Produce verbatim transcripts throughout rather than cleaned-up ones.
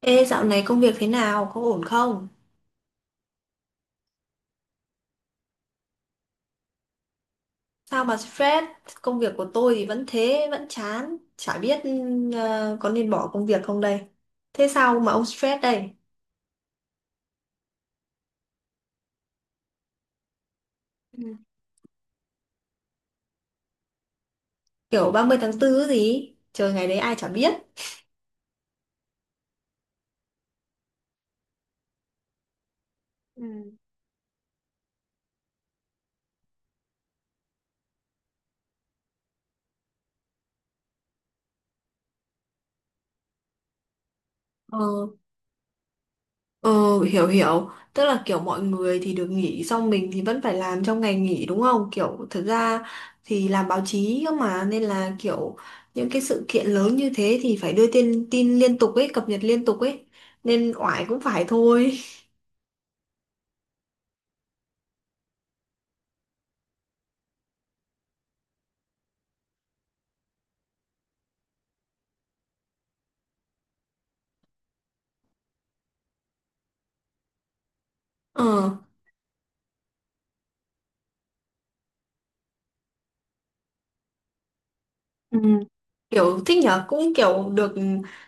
Ê, dạo này công việc thế nào? Có ổn không? Sao mà stress? Công việc của tôi thì vẫn thế, vẫn chán. Chả biết ờ, có nên bỏ công việc không đây? Thế sao mà ông stress đây? Ừ. Kiểu ba mươi tháng tư gì? Trời ngày đấy ai chả biết. Ừ. Ờ. Ờ, hiểu hiểu. Tức là kiểu mọi người thì được nghỉ. Xong mình thì vẫn phải làm trong ngày nghỉ, đúng không? Kiểu thật ra thì làm báo chí cơ mà. Nên là kiểu những cái sự kiện lớn như thế thì phải đưa tin, tin liên tục ấy. Cập nhật liên tục ấy. Nên oải cũng phải thôi. Ờ. Ừ. Kiểu thích nhở, cũng kiểu được.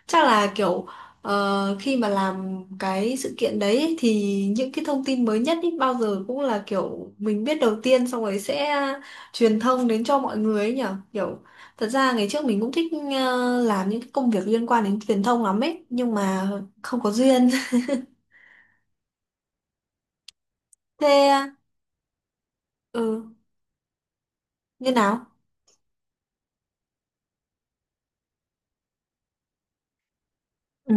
Chắc là kiểu ờ, khi mà làm cái sự kiện đấy ấy, thì những cái thông tin mới nhất ý, bao giờ cũng là kiểu mình biết đầu tiên xong rồi sẽ truyền thông đến cho mọi người ấy nhở. Kiểu thật ra ngày trước mình cũng thích ờ, làm những cái công việc liên quan đến truyền thông lắm ấy, nhưng mà không có duyên. Thế. Ừ. Như nào? Ừ.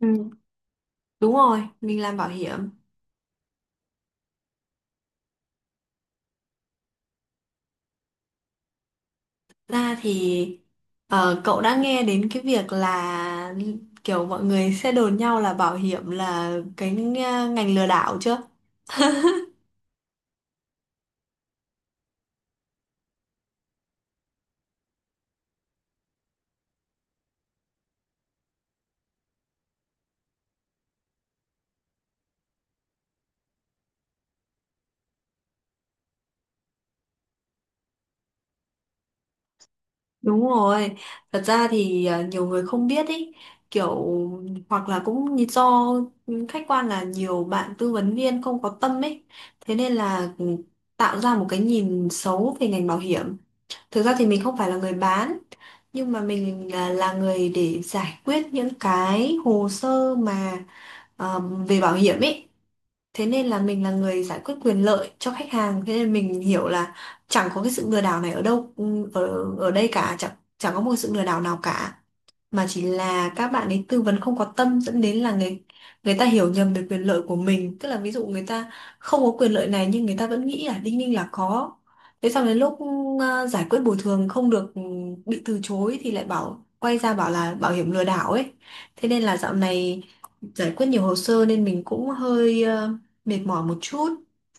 Ừ. Đúng rồi, mình làm bảo hiểm. Ra thì ờ, cậu đã nghe đến cái việc là kiểu mọi người sẽ đồn nhau là bảo hiểm là cái ờ, ngành lừa đảo chưa? Đúng rồi. Thật ra thì ờ, nhiều người không biết ý, kiểu hoặc là cũng như do khách quan là nhiều bạn tư vấn viên không có tâm ấy. Thế nên là ừ, tạo ra một cái nhìn xấu về ngành bảo hiểm. Thực ra thì mình không phải là người bán, nhưng mà mình là, là người để giải quyết những cái hồ sơ mà ờ, về bảo hiểm ấy. Thế nên là mình là người giải quyết quyền lợi cho khách hàng, thế nên mình hiểu là chẳng có cái sự lừa đảo này ở đâu, ừ, ở ở đây cả. Chẳng chẳng có một sự lừa đảo nào cả, mà chỉ là các bạn ấy tư vấn không có tâm, dẫn đến là người người ta hiểu nhầm về quyền lợi của mình, tức là ví dụ người ta không có quyền lợi này nhưng người ta vẫn nghĩ là đinh ninh là có, thế xong đến lúc ờ, giải quyết bồi thường không được, ừ, bị từ chối thì lại bảo quay ra bảo là bảo hiểm lừa đảo ấy. Thế nên là dạo này giải quyết nhiều hồ sơ nên mình cũng hơi ờ, mệt mỏi một chút.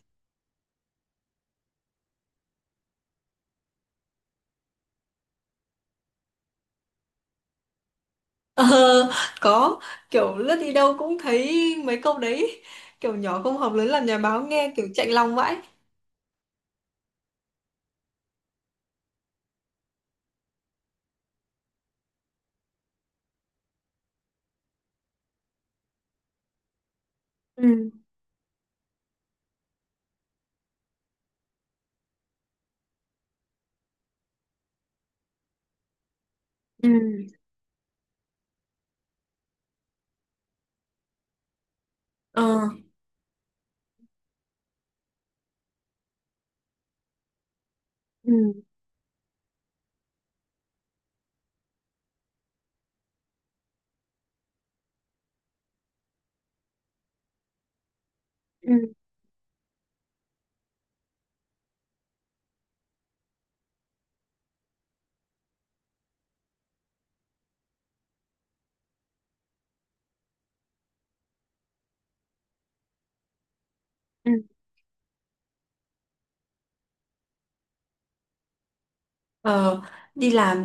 Ờ, có. Kiểu lướt đi đâu cũng thấy mấy câu đấy, kiểu nhỏ không học lớn làm nhà báo, nghe kiểu chạnh lòng vãi. Ừ. Ừ, ờ, ừ, ừ, ừ. Ờ, đi làm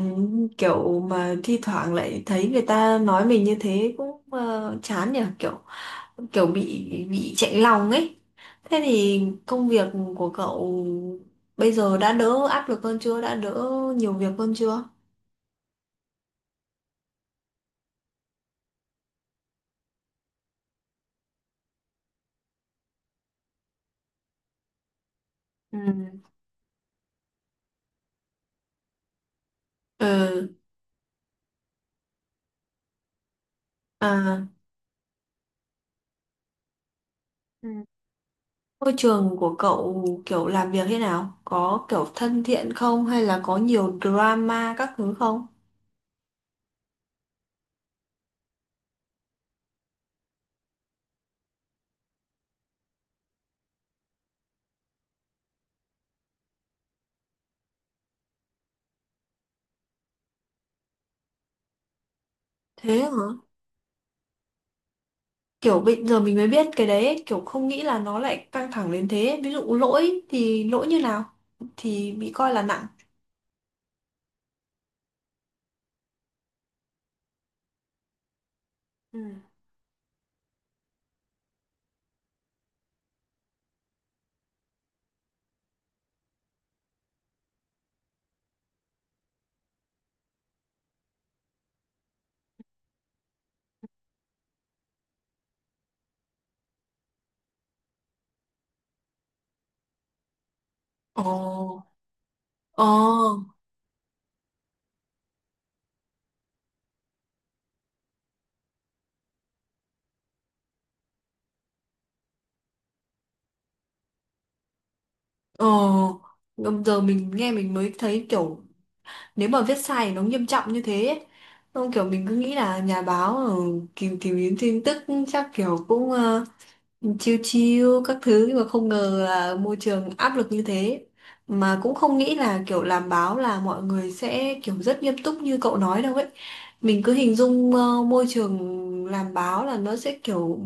kiểu mà thi thoảng lại thấy người ta nói mình như thế cũng ờ, chán nhỉ, kiểu kiểu bị bị chạy lòng ấy. Thế thì công việc của cậu bây giờ đã đỡ áp lực hơn chưa? Đã đỡ nhiều việc hơn chưa? Ừ. Ừ. À. Ừ. Môi trường của cậu kiểu làm việc thế nào? Có kiểu thân thiện không hay là có nhiều drama các thứ không? Thế hả? Kiểu bây giờ mình mới biết cái đấy ấy, kiểu không nghĩ là nó lại căng thẳng đến thế. Ví dụ lỗi thì lỗi như nào thì bị coi là nặng. Ừ. Ồ, ồ, ồ. Giờ mình nghe mình mới thấy kiểu nếu mà viết sai thì nó nghiêm trọng như thế ấy. Không, kiểu mình cứ nghĩ là nhà báo ờ, tìm tìm kiếm tin tức chắc kiểu cũng ờ, chiêu chiêu các thứ, nhưng mà không ngờ là môi trường áp lực như thế, mà cũng không nghĩ là kiểu làm báo là mọi người sẽ kiểu rất nghiêm túc như cậu nói đâu ấy. Mình cứ hình dung ờ, môi trường làm báo là nó sẽ kiểu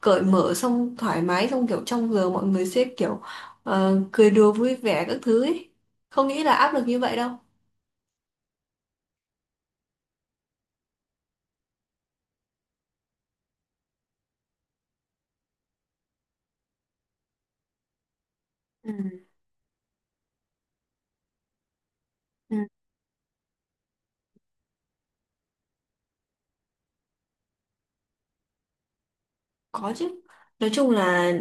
cởi mở xong thoải mái xong kiểu trong giờ mọi người sẽ kiểu ờ, cười đùa vui vẻ các thứ ấy, không nghĩ là áp lực như vậy đâu. Ừ. Ừ. Có chứ. Nói chung là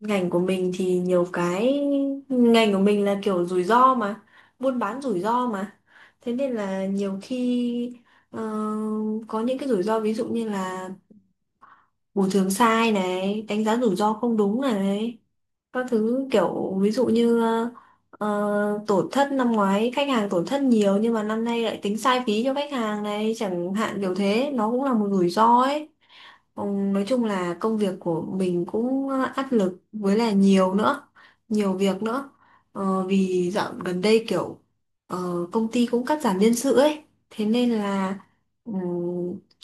ngành của mình thì nhiều cái, ngành của mình là kiểu rủi ro mà, buôn bán rủi ro mà. Thế nên là nhiều khi ờ, có những cái rủi ro ví dụ như là bồi thường sai này, đánh giá rủi ro không đúng này, các thứ kiểu ví dụ như ờ, ờ, tổn thất năm ngoái khách hàng tổn thất nhiều nhưng mà năm nay lại tính sai phí cho khách hàng này chẳng hạn, kiểu thế nó cũng là một rủi ro ấy. Ừ, nói chung là công việc của mình cũng ờ, áp lực với là nhiều nữa, nhiều việc nữa. Ờ, vì dạo gần đây kiểu ờ, công ty cũng cắt giảm nhân sự ấy, thế nên là ừ,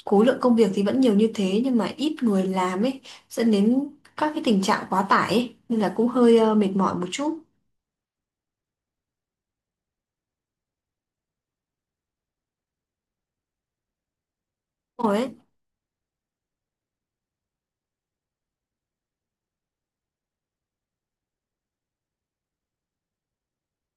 khối lượng công việc thì vẫn nhiều như thế nhưng mà ít người làm ấy, dẫn đến các cái tình trạng quá tải ấy, nên là cũng hơi ờ, mệt mỏi một chút rồi ấy.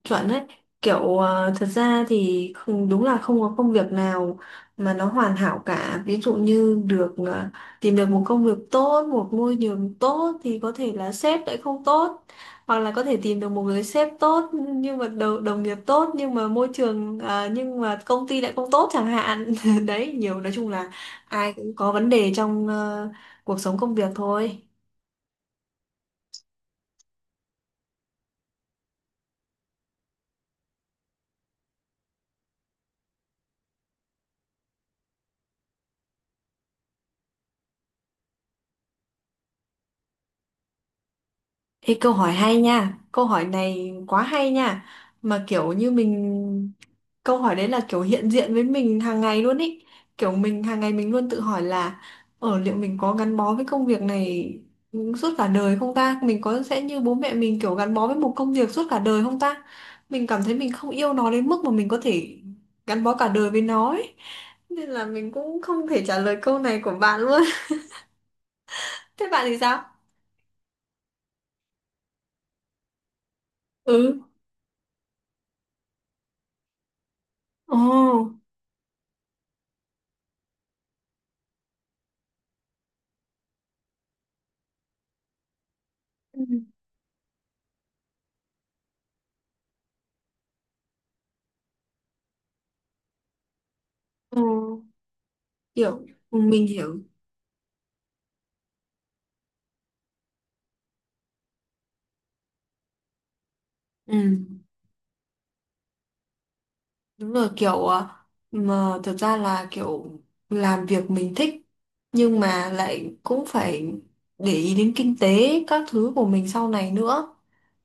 Chuẩn đấy, kiểu ờ, thật ra thì không, đúng là không có công việc nào mà nó hoàn hảo cả, ví dụ như được ờ, tìm được một công việc tốt một môi trường tốt thì có thể là sếp lại không tốt, hoặc là có thể tìm được một người sếp tốt nhưng mà đồng, đồng nghiệp tốt nhưng mà môi trường ờ, nhưng mà công ty lại không tốt chẳng hạn. Đấy, nhiều, nói chung là ai cũng có vấn đề trong ờ, cuộc sống công việc thôi. Ê, câu hỏi hay nha, câu hỏi này quá hay nha, mà kiểu như mình, câu hỏi đấy là kiểu hiện diện với mình hàng ngày luôn ý, kiểu mình hàng ngày mình luôn tự hỏi là, ở liệu mình có gắn bó với công việc này suốt cả đời không ta, mình có sẽ như bố mẹ mình kiểu gắn bó với một công việc suốt cả đời không ta, mình cảm thấy mình không yêu nó đến mức mà mình có thể gắn bó cả đời với nó ấy, nên là mình cũng không thể trả lời câu này của bạn luôn. Thế bạn thì sao? Ừ, ồ. Ừ. Ừ. Kiểu ừ, mình hiểu. Ừ, đúng rồi, kiểu ờ, mà thật ra là kiểu làm việc mình thích nhưng mà lại cũng phải để ý đến kinh tế các thứ của mình sau này nữa.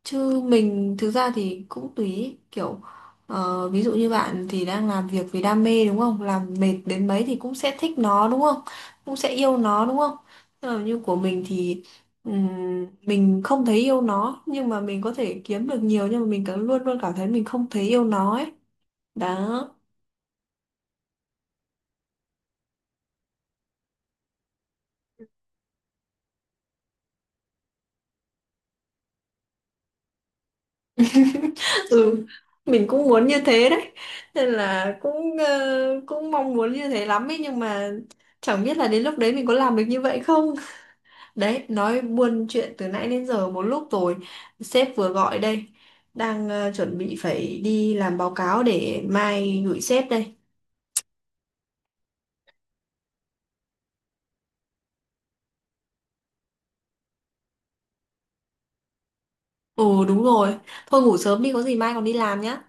Chứ mình thực ra thì cũng tùy ý, kiểu ờ, ví dụ như bạn thì đang làm việc vì đam mê đúng không? Làm mệt đến mấy thì cũng sẽ thích nó đúng không? Cũng sẽ yêu nó đúng không? Ờ, như của mình thì ừm, mình không thấy yêu nó nhưng mà mình có thể kiếm được nhiều nhưng mà mình cứ luôn luôn cảm thấy mình không thấy yêu nó ấy. Đó. Ừ. Mình cũng muốn như thế đấy. Nên là cũng ờ, cũng mong muốn như thế lắm ấy nhưng mà chẳng biết là đến lúc đấy mình có làm được như vậy không. Đấy, nói buôn chuyện từ nãy đến giờ một lúc rồi. Sếp vừa gọi đây. Đang ờ, chuẩn bị phải đi làm báo cáo để mai gửi sếp đây. Ồ đúng rồi. Thôi ngủ sớm đi có gì mai còn đi làm nhá.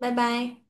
Bye bye.